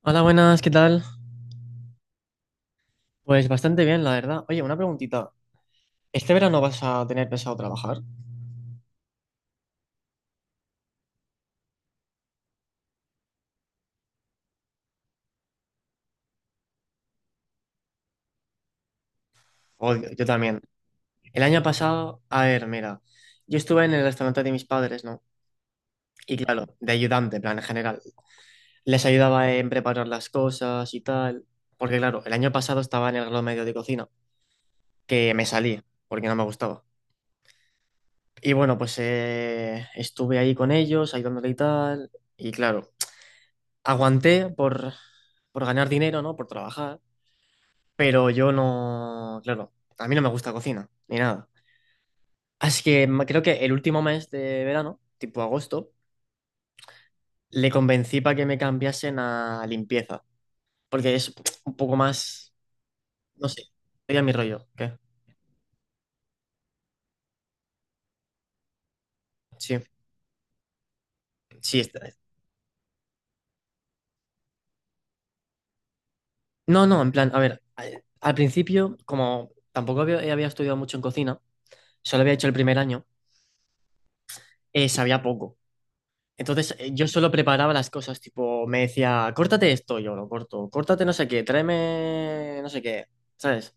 Hola, buenas, ¿qué tal? Pues bastante bien, la verdad. Oye, una preguntita. ¿Este verano vas a tener pensado trabajar? Joder, yo también. El año pasado, a ver, mira, yo estuve en el restaurante de mis padres, ¿no? Y claro, de ayudante, en plan, en general. Les ayudaba en preparar las cosas y tal. Porque claro, el año pasado estaba en el grado medio de cocina, que me salí, porque no me gustaba. Y bueno, pues estuve ahí con ellos, ayudándole y tal. Y claro, aguanté por ganar dinero, ¿no? Por trabajar. Pero yo no, claro, a mí no me gusta cocina, ni nada. Así que creo que el último mes de verano, tipo agosto, le convencí para que me cambiasen a limpieza, porque es un poco más, no sé, sería mi rollo, ¿qué? Sí, sí, está. No, no, en plan, a ver, al principio, como tampoco había estudiado mucho en cocina, solo había hecho el primer año, sabía poco. Entonces yo solo preparaba las cosas, tipo, me decía, córtate esto, yo lo corto, córtate no sé qué, tráeme no sé qué, ¿sabes?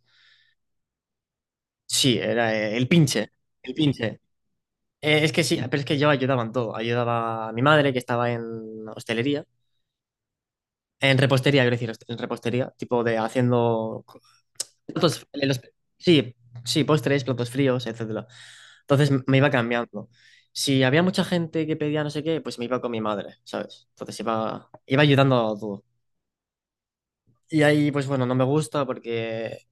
Sí, era el pinche, el pinche. Es que sí, ah, pero es que yo ayudaba en todo. Ayudaba a mi madre, que estaba en hostelería, en repostería, quiero decir, en repostería, tipo de haciendo platos, sí, sí, postres, platos fríos, etcétera. Entonces me iba cambiando. Si había mucha gente que pedía no sé qué, pues me iba con mi madre, ¿sabes? Entonces iba, iba ayudando a todo. Y ahí, pues bueno, no me gusta porque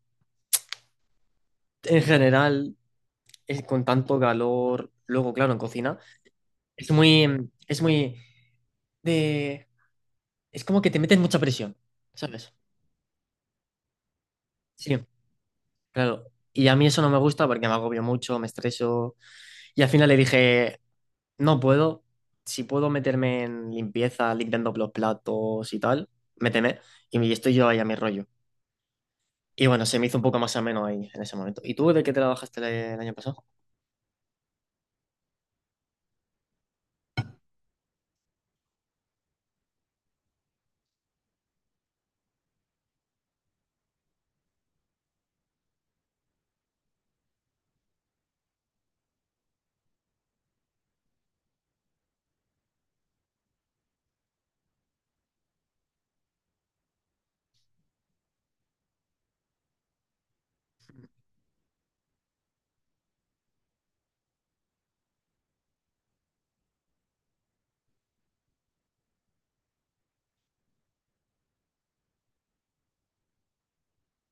en general, es con tanto calor, luego, claro, en cocina, es muy, mm, es muy de, es como que te meten mucha presión, ¿sabes? Sí, claro. Y a mí eso no me gusta porque me agobio mucho, me estreso. Y al final le dije, no puedo, si puedo meterme en limpieza, limpiando los platos y tal, méteme. Y estoy yo ahí a mi rollo. Y bueno, se me hizo un poco más ameno ahí en ese momento. ¿Y tú de qué trabajaste el año pasado?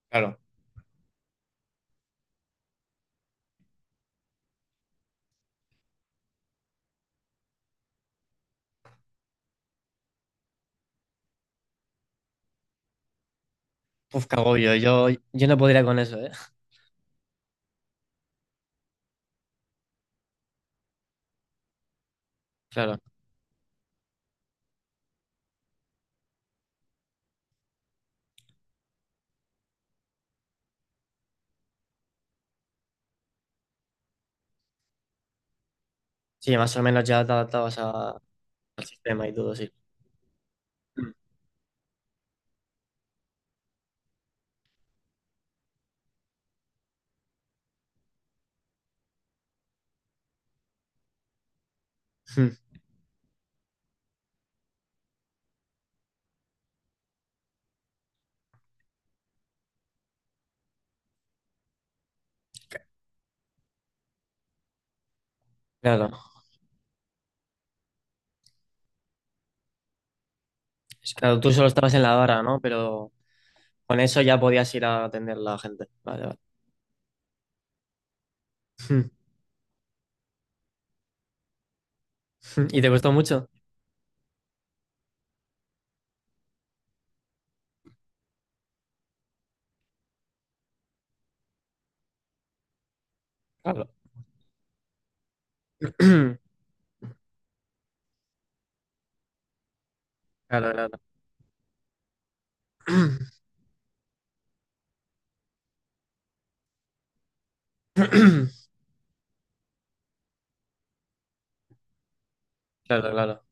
Claro. Uf, qué agobio. Yo no podría con eso, ¿eh? Claro. Sí, más o menos ya te adaptabas al sistema y todo, sí. Mm. Mm. Claro. Claro, tú solo estabas en la barra, ¿no? Pero con eso ya podías ir a atender a la gente. Vale, vale. Mm. Mm. ¿Y te costó mucho? Claro. Claro, claro. Claro, claro.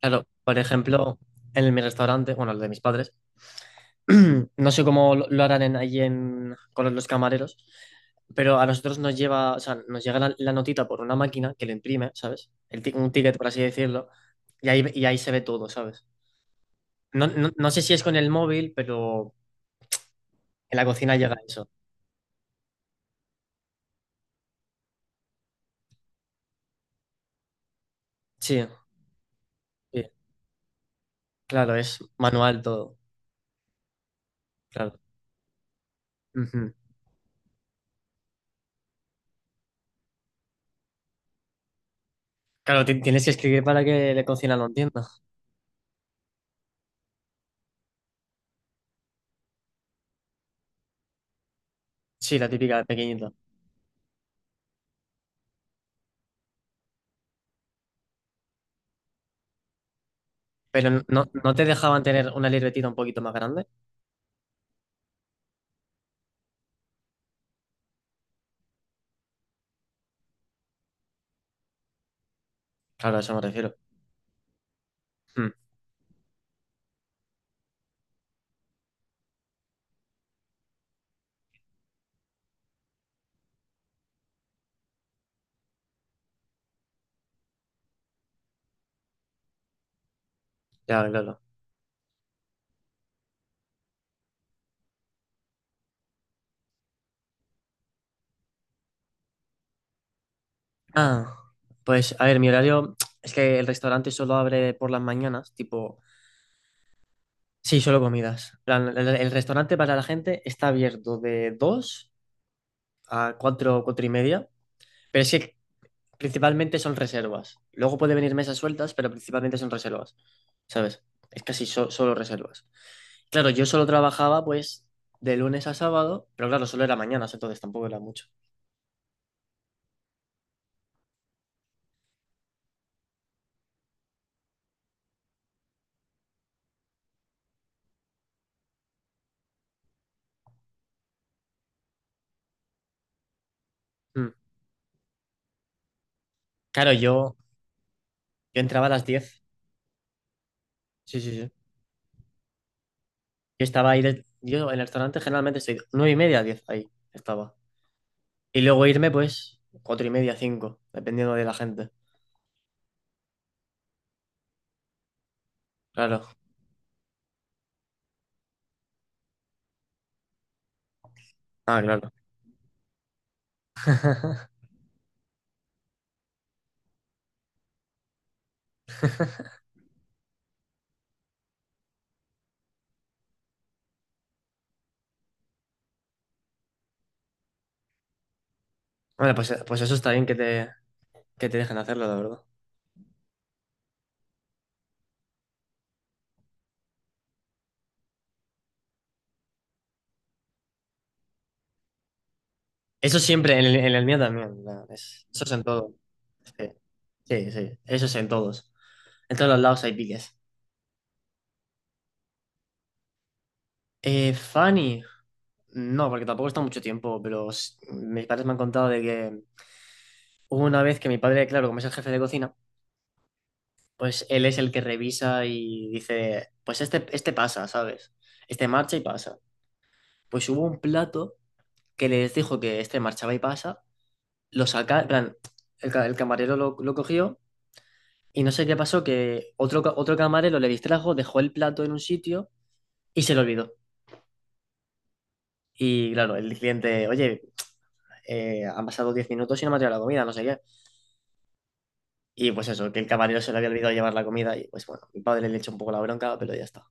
Claro, por ejemplo, en mi restaurante, bueno, el de mis padres. No sé cómo lo harán ahí en, con los camareros, pero a nosotros nos lleva, o sea, nos llega la notita por una máquina que lo imprime, ¿sabes? Un ticket, por así decirlo, y ahí, se ve todo, ¿sabes? No, no, no sé si es con el móvil, pero en la cocina llega eso. Sí, sí, claro, es manual todo, claro. Ujú. Claro, tienes que escribir para que la cocina lo entienda. Sí, la típica de pequeñito. Pero no, no te dejaban tener una libretita un poquito más grande. Claro, a eso me refiero. Mm, claro, claro. Ah, pues a ver, mi horario es que el restaurante solo abre por las mañanas, tipo, sí, solo comidas. En plan, el restaurante para la gente está abierto de 2 a 4, 4:30, pero es que principalmente son reservas. Luego puede venir mesas sueltas, pero principalmente son reservas, ¿sabes? Es casi solo reservas. Claro, yo solo trabajaba pues de lunes a sábado, pero claro, solo era mañanas, entonces tampoco era mucho. Mm. Claro, yo entraba a las 10. Sí, sí, sí. Yo estaba ahí, yo en el restaurante generalmente estoy 9:30, 10 ahí estaba. Y luego irme pues 4:30, 5, dependiendo de la gente. Claro. Ah, claro. Bueno, pues eso está bien que te dejen hacerlo, la verdad. Eso siempre, en el mío también. Eso es en todo. Sí, sí, sí, eso es en todos. En todos los lados hay piques. Fanny, no, porque tampoco está mucho tiempo, pero mis padres me han contado de que hubo una vez que mi padre, claro, como es el jefe de cocina, pues él es el que revisa y dice, pues este pasa, ¿sabes? Este marcha y pasa. Pues hubo un plato que les dijo que este marchaba y pasa, lo saca, en plan, el camarero lo cogió y no sé qué pasó, que otro camarero le distrajo, dejó el plato en un sitio y se lo olvidó. Y claro, el cliente, oye, han pasado 10 minutos y no me ha traído la comida, no sé qué. Y pues eso, que el camarero se le había olvidado llevar la comida y pues bueno, mi padre le echó un poco la bronca, pero ya está.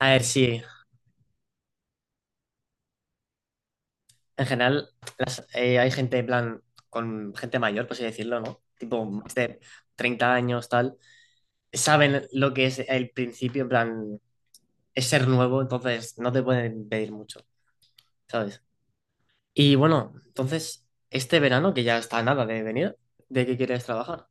A ver, sí, en general, hay gente, en plan, con gente mayor, por así decirlo, ¿no? Tipo, más de 30 años, tal. Saben lo que es el principio, en plan, es ser nuevo, entonces no te pueden pedir mucho, ¿sabes? Y bueno, entonces, este verano, que ya está a nada de venir, ¿de qué quieres trabajar?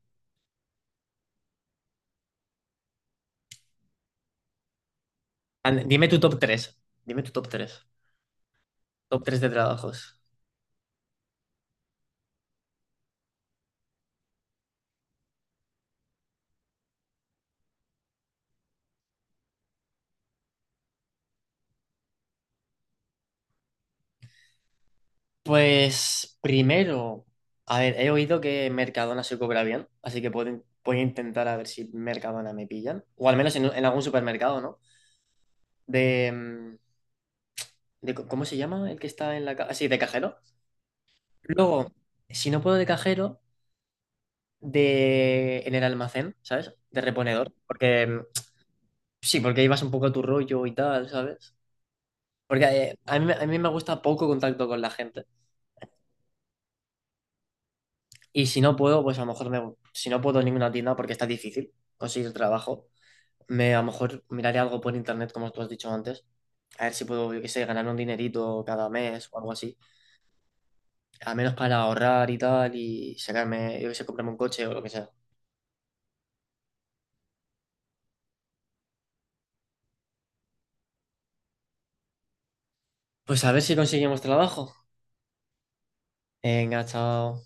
Dime tu top tres. Dime tu top 3 Top 3 de trabajos. Pues primero, a ver, he oído que Mercadona se cobra bien, así que puedo, voy a intentar a ver si Mercadona me pillan, o al menos en algún supermercado, ¿no? De, mm, de co- ¿Cómo se llama? El que está en la caja, sí, de cajero. Luego, si no puedo de cajero, de en el almacén, ¿sabes? De reponedor, sí, porque ahí vas un poco a tu rollo y tal, ¿sabes? Porque a mí me gusta poco contacto con la gente. Y si no puedo, pues a lo mejor si no puedo en ninguna tienda porque está difícil conseguir trabajo. A lo mejor miraré algo por internet, como tú has dicho antes. A ver si puedo, yo qué sé, ganar un dinerito cada mes o algo así. Al menos para ahorrar y tal y sacarme, yo qué sé, comprarme un coche o lo que sea. Pues a ver si conseguimos trabajo. Venga, chao.